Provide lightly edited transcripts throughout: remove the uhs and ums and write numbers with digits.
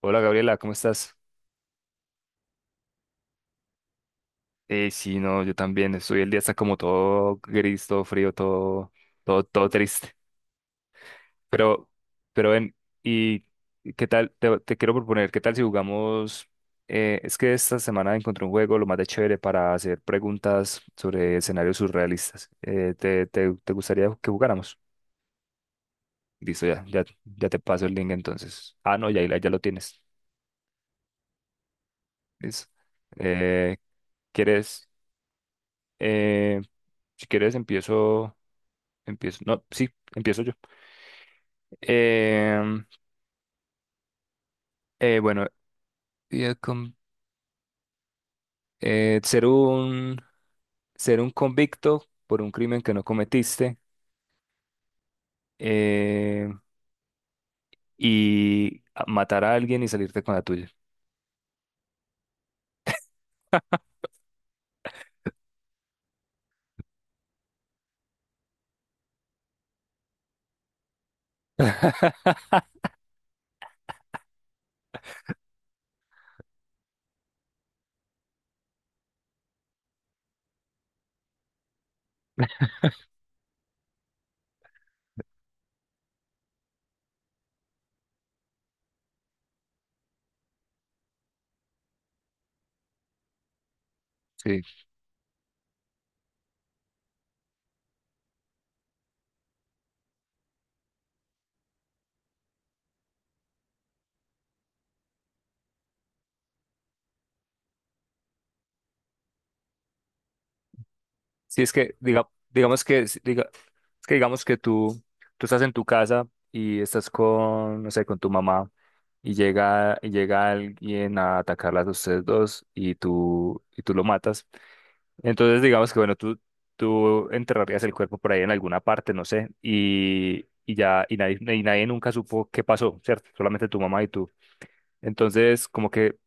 Hola Gabriela, ¿cómo estás? Sí, no, yo también. Estoy El día está como todo gris, todo frío, todo, todo, todo triste. Pero, pero ven, ¿y qué tal? Te quiero proponer, ¿qué tal si jugamos? Es que esta semana encontré un juego lo más de chévere para hacer preguntas sobre escenarios surrealistas. ¿Te gustaría que jugáramos? Listo, ya te paso el link entonces. Ah, no, ya lo tienes. Listo. Eh, ¿Quieres? eh, si quieres, empiezo. Empiezo. No, sí, empiezo yo. Em, bueno, y el eh, ser un, ser un convicto por un crimen que no cometiste eh, y matar a alguien y salirte con la tuya. Sí. Sí, es que digamos que es que digamos que tú estás en tu casa y estás con, no sé, con tu mamá y llega alguien a atacarlas a ustedes dos y tú lo matas. Entonces, digamos que, bueno, tú enterrarías el cuerpo por ahí en alguna parte, no sé, y, y nadie nunca supo qué pasó, ¿cierto? Solamente tu mamá y tú. Entonces, como que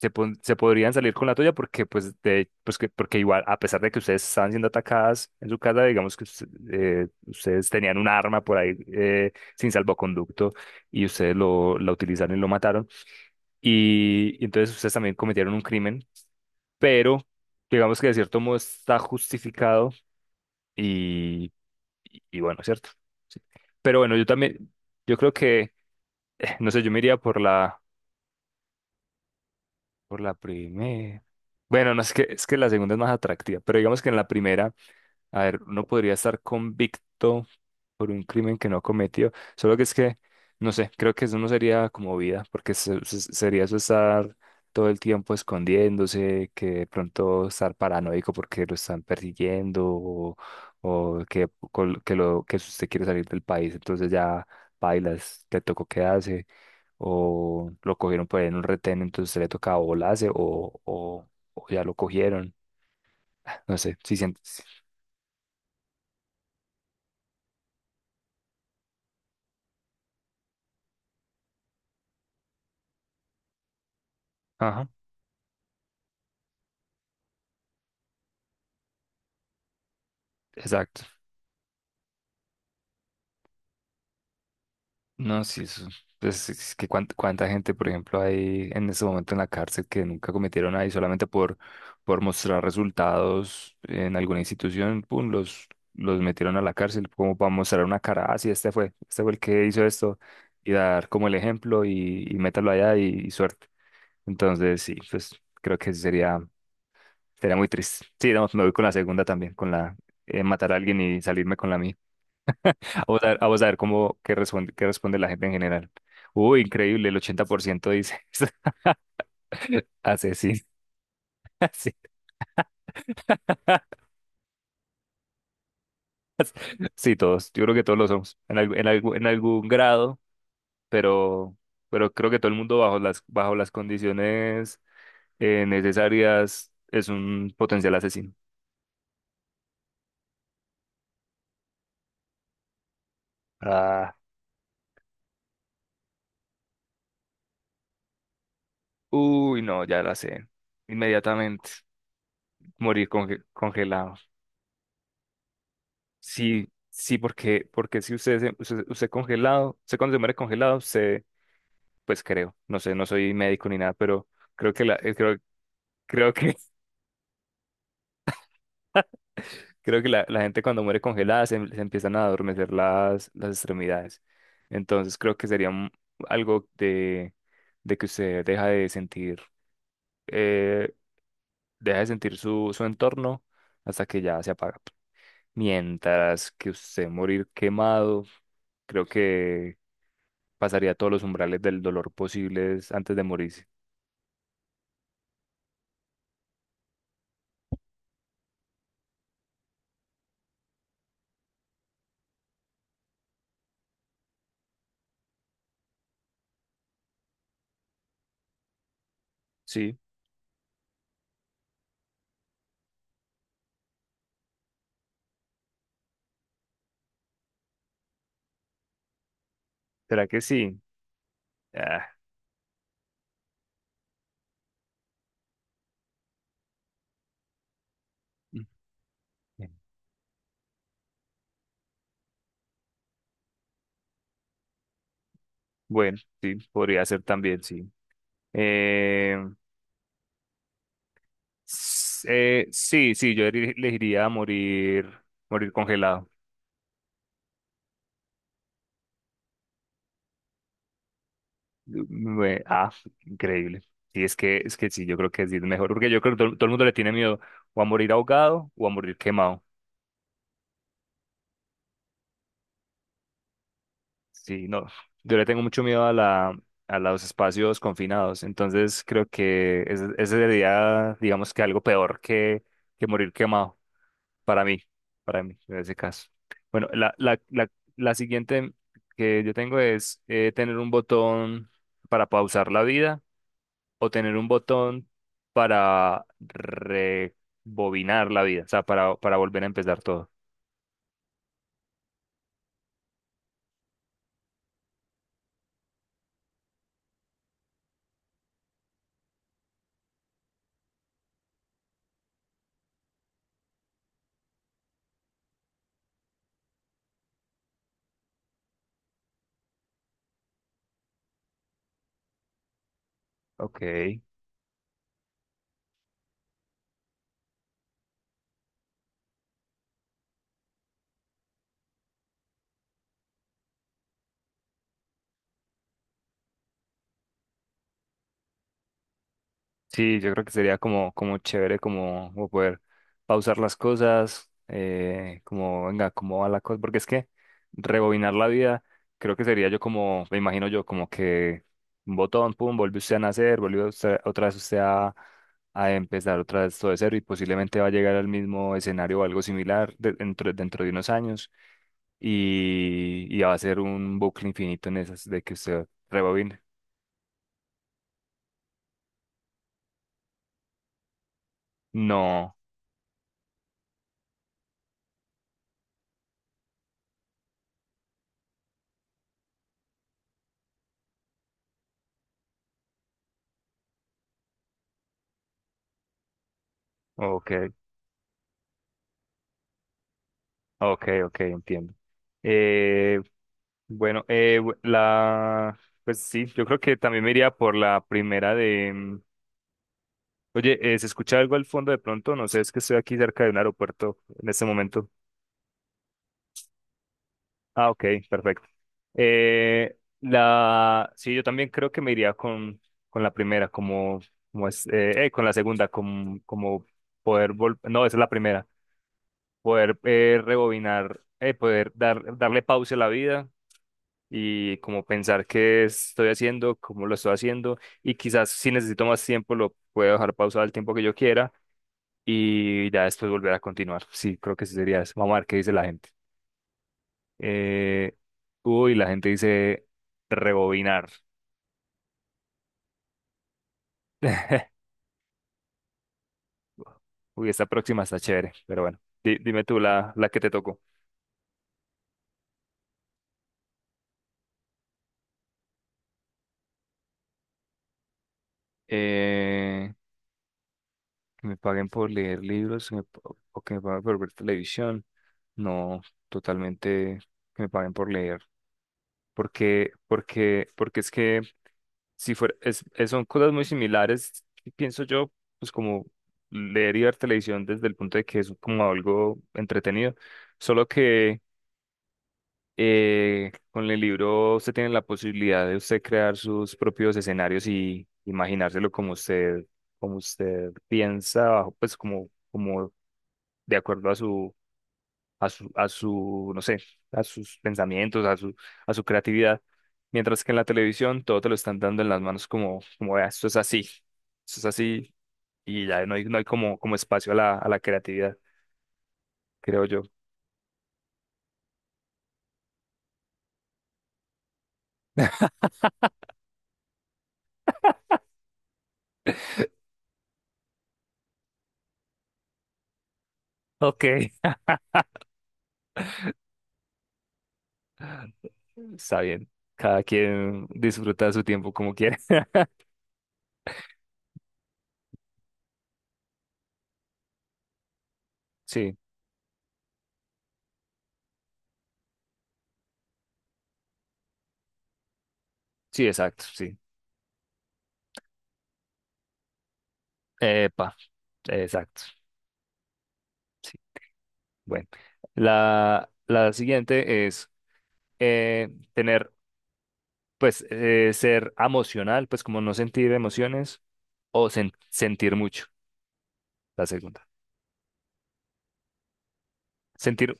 se podrían salir con la tuya porque, porque igual, a pesar de que ustedes estaban siendo atacadas en su casa, digamos que ustedes tenían un arma por ahí, sin salvoconducto y ustedes lo, la utilizaron y lo mataron. Y entonces ustedes también cometieron un crimen, pero digamos que de cierto modo está justificado y, y bueno, ¿cierto? Sí. Pero bueno, yo también, yo creo que, no sé, yo me iría por la primera. Bueno, no es que, es que la segunda es más atractiva, pero digamos que en la primera. A ver, uno podría estar convicto por un crimen que no cometió, solo que es que, no sé, creo que eso no sería como vida, porque sería eso estar todo el tiempo escondiéndose, que de pronto estar paranoico porque lo están persiguiendo o que, col- que, lo, que usted quiere salir del país, entonces ya bailas, te tocó quedarse, o lo cogieron por ahí en un retén, entonces le tocaba volarse o ya lo cogieron, no sé, si sientes. Ajá. Exacto. No, sí, eso. Pues es que cuánta gente, por ejemplo, hay en este momento en la cárcel que nunca cometieron nada y solamente por mostrar resultados en alguna institución, pum, los metieron a la cárcel como para mostrar una cara, ah, sí, este fue el que hizo esto, y dar como el ejemplo y métalo allá y suerte. Entonces, sí, pues creo que sí sería muy triste. Sí, no, me voy con la segunda también, con la matar a alguien y salirme con la mía. Vamos a ver cómo qué responde la gente en general. Uy, increíble, el 80% dice asesina. Sí, sí, todos. Yo creo que todos lo somos en algún grado, pero, pero creo que todo el mundo bajo las condiciones necesarias es un potencial asesino. Ah, uy, no, ya la sé. Inmediatamente morir congelado. Sí, sí, porque, porque si usted congelado, usted cuando se muere congelado, se pues creo, no sé, no soy médico ni nada, pero creo que la, eh, creo, creo que, creo que la gente cuando muere congelada se empiezan a adormecer las extremidades. Entonces creo que sería algo de que usted eh, deja de sentir su entorno hasta que ya se apaga. Mientras que usted morir quemado, creo que pasaría todos los umbrales del dolor posibles antes de morirse. Sí, ¿será que sí? Ah. Bueno, sí, podría ser también, sí. Eh, sí, sí, yo elegiría morir congelado. Ah, increíble. Sí, es que sí, yo creo que sí es mejor, porque yo creo que todo el mundo le tiene miedo o a morir ahogado o a morir quemado. Sí, no, yo le tengo mucho miedo a los espacios confinados, entonces creo que ese sería, digamos que algo peor que morir quemado. Para mí, para mí, en ese caso. Bueno, la siguiente que yo tengo es tener un botón para pausar la vida o tener un botón para rebobinar la vida, o sea, para volver a empezar todo. Ok. Sí, yo creo que sería como chévere, como poder pausar las cosas, como, venga, cómo va la cosa, porque es que rebobinar la vida, creo que sería yo como, me imagino yo, como que un botón, pum, vuelve usted a nacer, otra vez usted a empezar otra vez todo de cero y posiblemente va a llegar al mismo escenario o algo similar dentro de unos años y va a ser un bucle infinito en esas de que usted rebobine. No, ok. Ok, ok, entiendo. Eh, bueno, pues sí, yo creo que también me iría por la primera de. Oye, ¿se escucha algo al fondo de pronto? No sé, es que estoy aquí cerca de un aeropuerto en este momento. Ah, ok, perfecto. Sí, yo también creo que me iría con la primera, como es, con la segunda, como poder no, esa es la primera, poder rebobinar, poder darle pausa a la vida y como pensar qué estoy haciendo, cómo lo estoy haciendo y quizás si necesito más tiempo lo puedo dejar pausado el tiempo que yo quiera y ya después volver a continuar. Sí, creo que sí sería eso. Vamos a ver qué dice la gente. Eh, Uy, la gente dice rebobinar. Uy, esta próxima está chévere, pero bueno, dime tú la que te tocó. Eh, que me paguen por leer libros, o que me paguen por ver televisión. No, totalmente que me paguen por leer. Porque es que si fuera, son cosas muy similares, pienso yo, pues como leer y ver televisión desde el punto de que es como algo entretenido, solo que con el libro usted tiene la posibilidad de usted crear sus propios escenarios y imaginárselo como usted piensa, bajo, pues como, como de acuerdo no sé, a sus pensamientos, a su creatividad. Mientras que en la televisión todo te lo están dando en las manos como vea, esto es así, es así, y ya no hay como espacio a la creatividad, creo yo. Ok, está bien. Cada quien disfruta su tiempo como quiere. Sí, sí, exacto, sí. Epa, exacto. Sí. Bueno, la siguiente es eh, tener, ser emocional, pues como no sentir emociones o sentir mucho, la segunda. Sentir,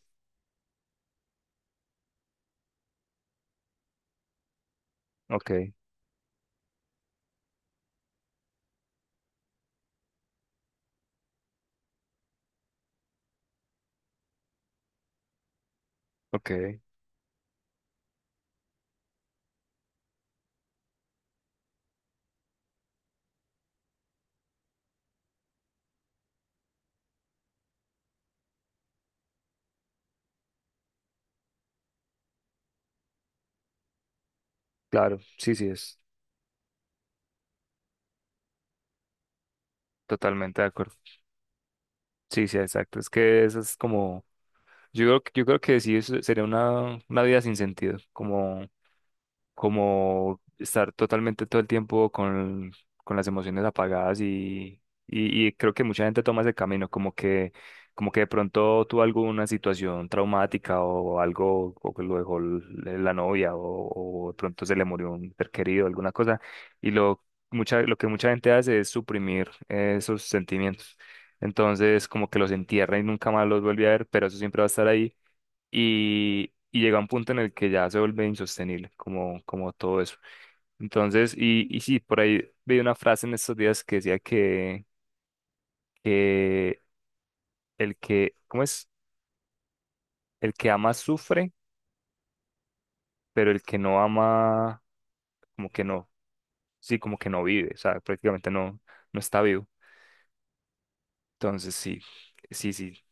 ok, ok, claro, sí, sí, es totalmente de acuerdo. Sí, sí, exacto. Es que eso es como, yo creo que sí, eso sería una vida sin sentido, como estar totalmente todo el tiempo con las emociones apagadas y creo que mucha gente toma ese camino, como que de pronto tuvo alguna situación traumática o algo, o que lo dejó la novia o de pronto se le murió un ser querido, alguna cosa, y lo, lo que mucha gente hace es suprimir esos sentimientos. Entonces, como que los entierra y nunca más los vuelve a ver, pero eso siempre va a estar ahí y llega un punto en el que ya se vuelve insostenible, como todo eso. Entonces, y sí, por ahí vi una frase en estos días que decía que el que, ¿cómo es? El que ama sufre, pero el que no ama, como que no, sí, como que no vive, o sea, prácticamente no, no está vivo. Entonces, sí, sí, sí,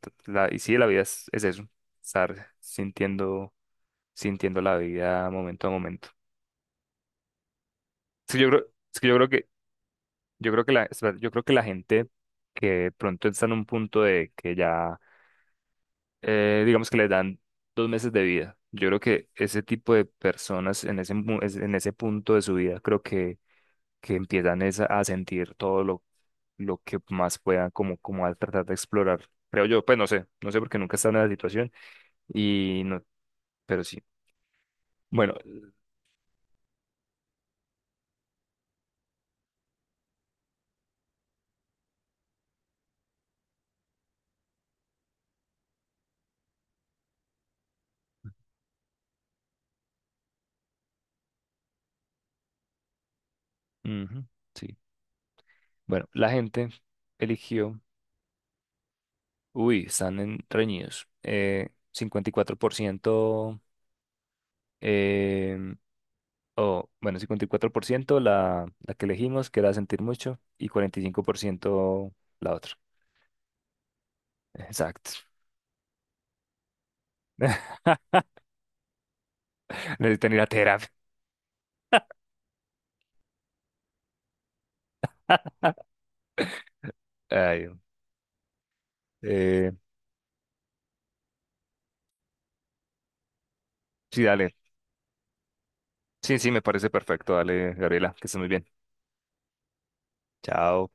y sí, la vida es eso, estar sintiendo la vida momento a momento. Es que yo creo, es que yo creo que espera, yo creo que la gente que de pronto está en un punto de que ya, digamos que les dan 2 meses de vida. Yo creo que ese tipo de personas en ese punto de su vida, creo que empiezan es a sentir todo lo que más puedan, como a tratar de explorar. Creo yo, pues no sé porque nunca he estado en esa situación y no, pero sí. Bueno, ujú, sí. Bueno, la gente eligió. Uy, están en reñidos. 54%, em, o bueno, 54% la que elegimos, que era sentir mucho, y 45% la otra. Exacto. Necesitan ir a terapia. Ay, eh, sí, dale. Sí, sí, me parece perfecto. Dale, Gabriela, que estés muy bien. Chao.